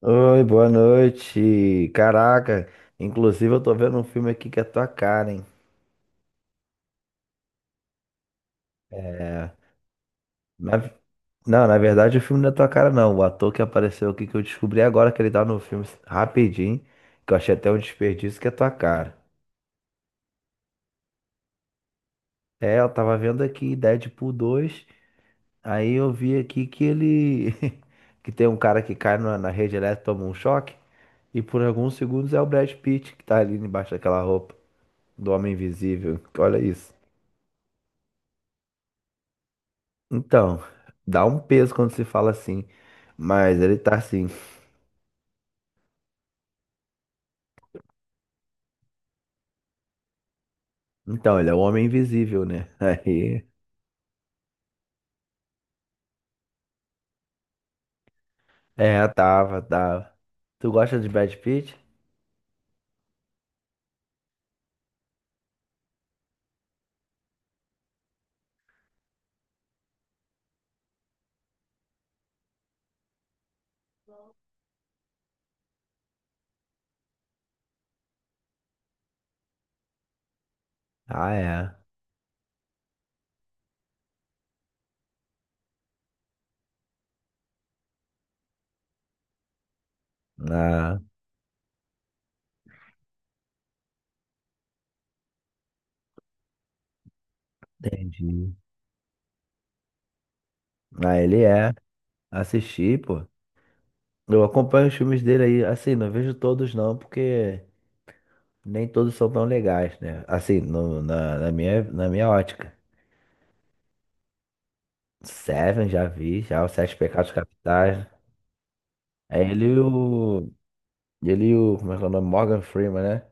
Oi, boa noite. Caraca, inclusive eu tô vendo um filme aqui que é tua cara, hein? É. na- Não, na verdade o filme não é tua cara, não. O ator que apareceu aqui que eu descobri agora que ele tá no filme rapidinho, que eu achei até um desperdício, que é tua cara. É, eu tava vendo aqui Deadpool 2, aí eu vi aqui que ele. Que tem um cara que cai na rede elétrica, toma um choque, e por alguns segundos é o Brad Pitt que tá ali embaixo daquela roupa do Homem Invisível. Olha isso. Então, dá um peso quando se fala assim. Mas ele tá assim. Então, ele é o homem invisível, né? Aí. É, tava, tava. Tu gosta de Brad Pitt? Ah, é. Ah, entendi. Ah, ele é. Assisti, pô. Eu acompanho os filmes dele aí, assim, não vejo todos não, porque nem todos são tão legais, né? Assim, na minha ótica. Seven já vi, já, Os Sete Pecados Capitais. É ele e o. Ele e o. Como é que é o nome? Morgan Freeman, né?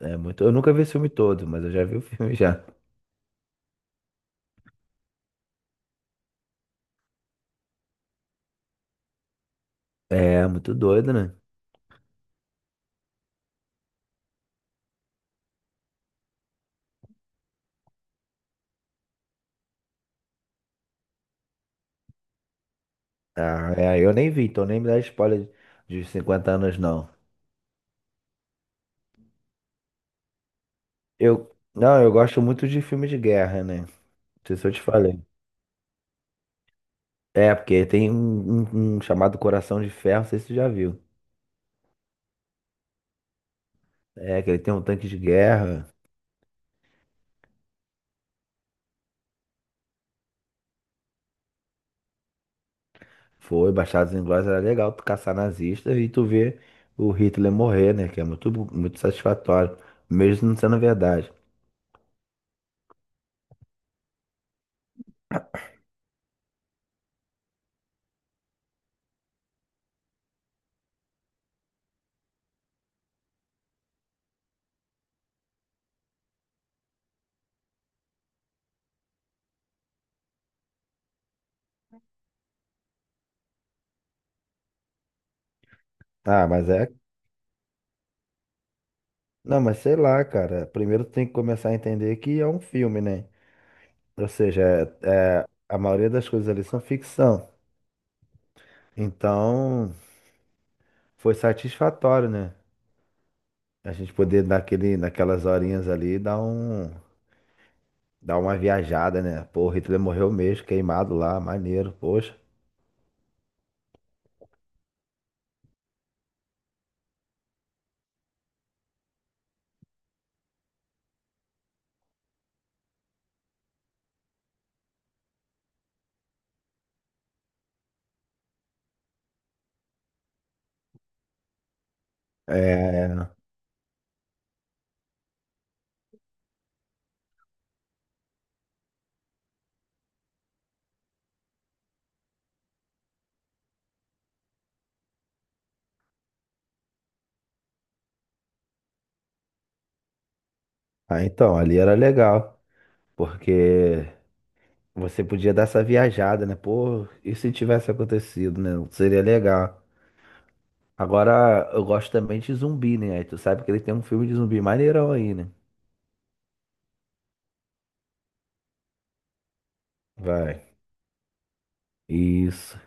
É muito. Eu nunca vi o filme todo, mas eu já vi o filme já. É muito doido, né? Ah, é, eu nem vi, então nem me dá spoiler de 50 anos, não. Eu gosto muito de filme de guerra, né? Não sei se eu te falei. É, porque tem um chamado Coração de Ferro, não sei se tu já viu. É, que ele tem um tanque de guerra. Foi, Bastardos Inglórios, era legal tu caçar nazista e tu ver o Hitler morrer, né? Que é muito, muito satisfatório, mesmo não sendo verdade. Ah, mas é. Não, mas sei lá, cara. Primeiro tem que começar a entender que é um filme, né? Ou seja, a maioria das coisas ali são ficção. Então, foi satisfatório, né? A gente poder dar aquele, naquelas horinhas ali dar dar uma viajada, né? Pô, o Hitler morreu mesmo, queimado lá, maneiro, poxa. É, ah, então, ali era legal, porque você podia dar essa viajada, né? Pô, e se tivesse acontecido, né? Seria legal. Agora, eu gosto também de zumbi, né? Aí tu sabe que ele tem um filme de zumbi maneirão aí, né? Vai. Isso.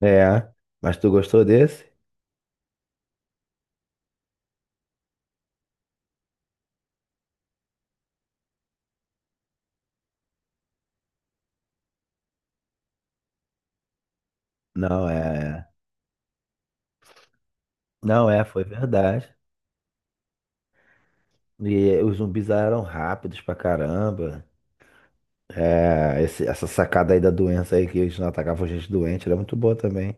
É. Mas tu gostou desse? Não, é. Não, é, foi verdade. E os zumbis eram rápidos pra caramba. É, essa sacada aí da doença aí que eles não atacavam gente doente era muito boa também.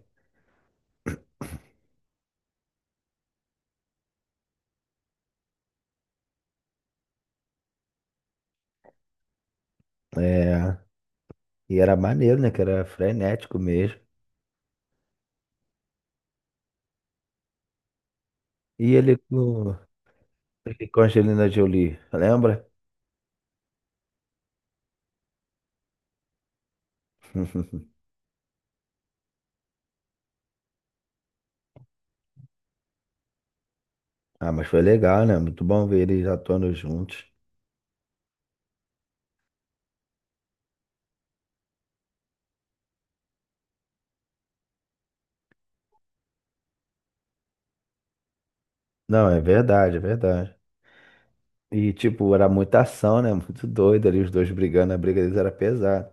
É. E era maneiro, né? Que era frenético mesmo. E ele com, ele com a Angelina Jolie, lembra? Ah, mas foi legal, né? Muito bom ver eles atuando juntos. Não, é verdade, é verdade. E, tipo, era muita ação, né? Muito doido ali, os dois brigando, a briga deles era pesada.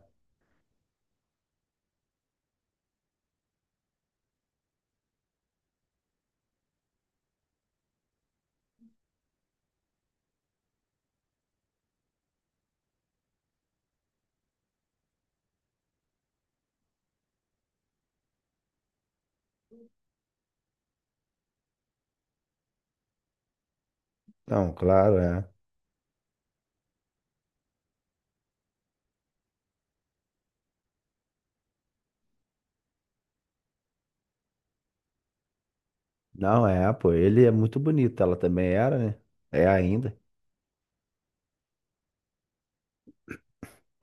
Não, claro, é. Não, é, pô, ele é muito bonito, ela também era, né? É ainda.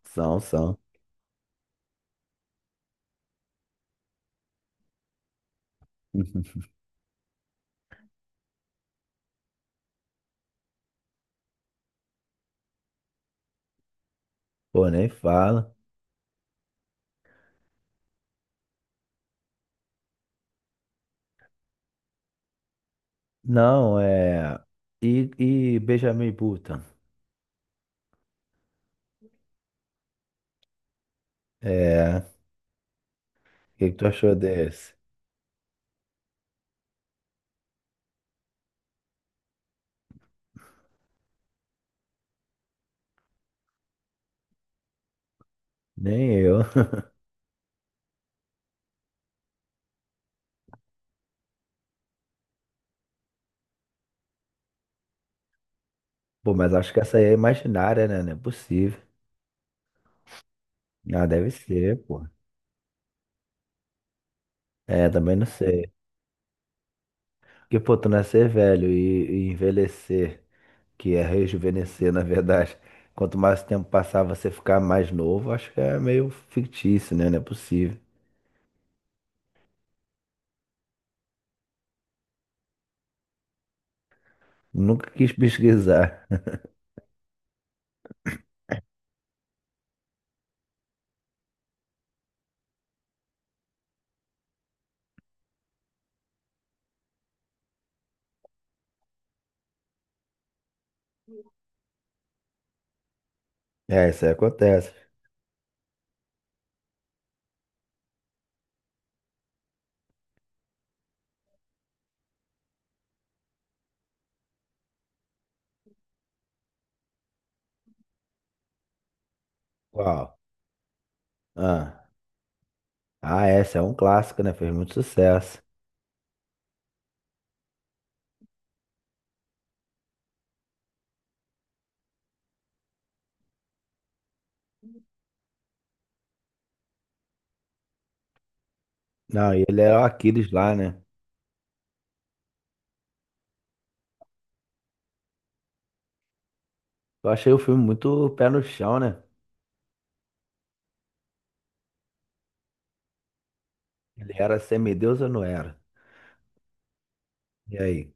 São, são. Pô, nem fala. Não, é. E Benjamin Button? É. O que que tu achou desse? Nem eu. Pô, mas acho que essa aí é imaginária, né? Não é possível. Ah, deve ser, pô. É, também não sei. Porque, pô, tu nascer velho e envelhecer, que é rejuvenescer, na verdade. Quanto mais tempo passar, você ficar mais novo, acho que é meio fictício, né? Não é possível. Nunca quis pesquisar. É, isso aí acontece. Qual? Ah, ah, essa é um clássico, né? Fez muito sucesso. Não, e ele era o Aquiles lá, né? Eu achei o filme muito pé no chão, né? Ele era semideus ou não era? E aí?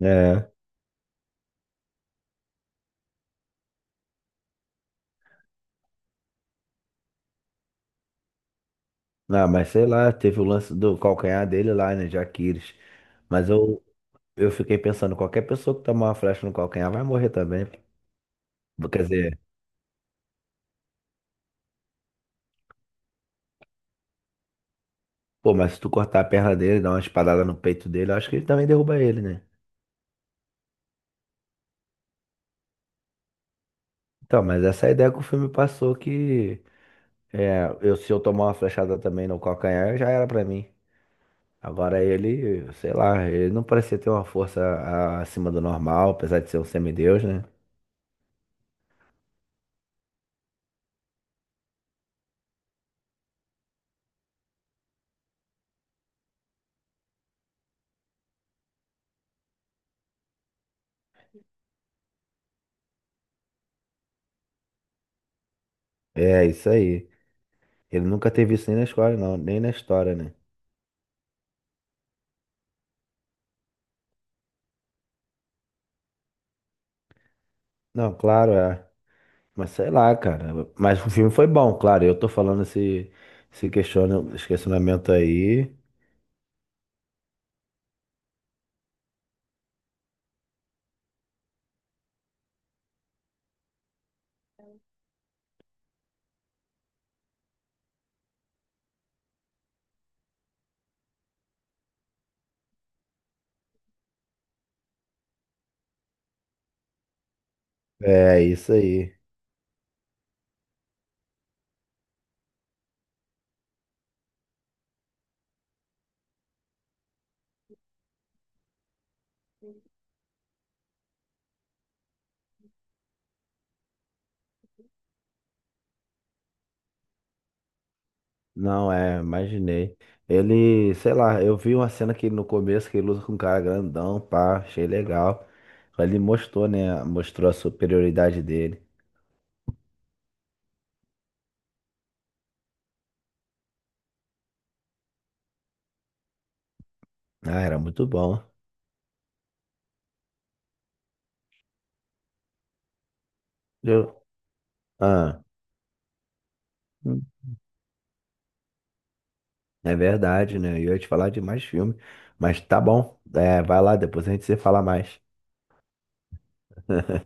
É. Ah, mas sei lá, teve o lance do calcanhar dele lá, né? De Aquiles. Mas eu. Eu fiquei pensando, qualquer pessoa que tomar uma flecha no calcanhar vai morrer também. Quer dizer, pô, mas se tu cortar a perna dele, dar uma espadada no peito dele, eu acho que ele também derruba ele, né? Então, mas essa é a ideia que o filme passou que é, eu, se eu tomar uma flechada também no calcanhar, já era pra mim. Agora ele, sei lá, ele não parecia ter uma força acima do normal, apesar de ser um semideus, né? É, isso aí. Ele nunca teve isso nem na escola, não, nem na história, né? Não, claro, é. Mas sei lá, cara. Mas o filme foi bom, claro. Eu tô falando esse questionamento aí. É isso aí. Não, é, imaginei. Ele, sei lá, eu vi uma cena que no começo que ele luta com um cara grandão, pá, achei legal. Ele mostrou, né? Mostrou a superioridade dele. Ah, era muito bom. Eu, ah, é verdade, né? Eu ia te falar de mais filme. Mas tá bom. É, vai lá, depois a gente se fala mais.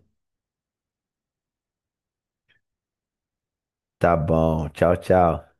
Tá bom. Tchau, tchau.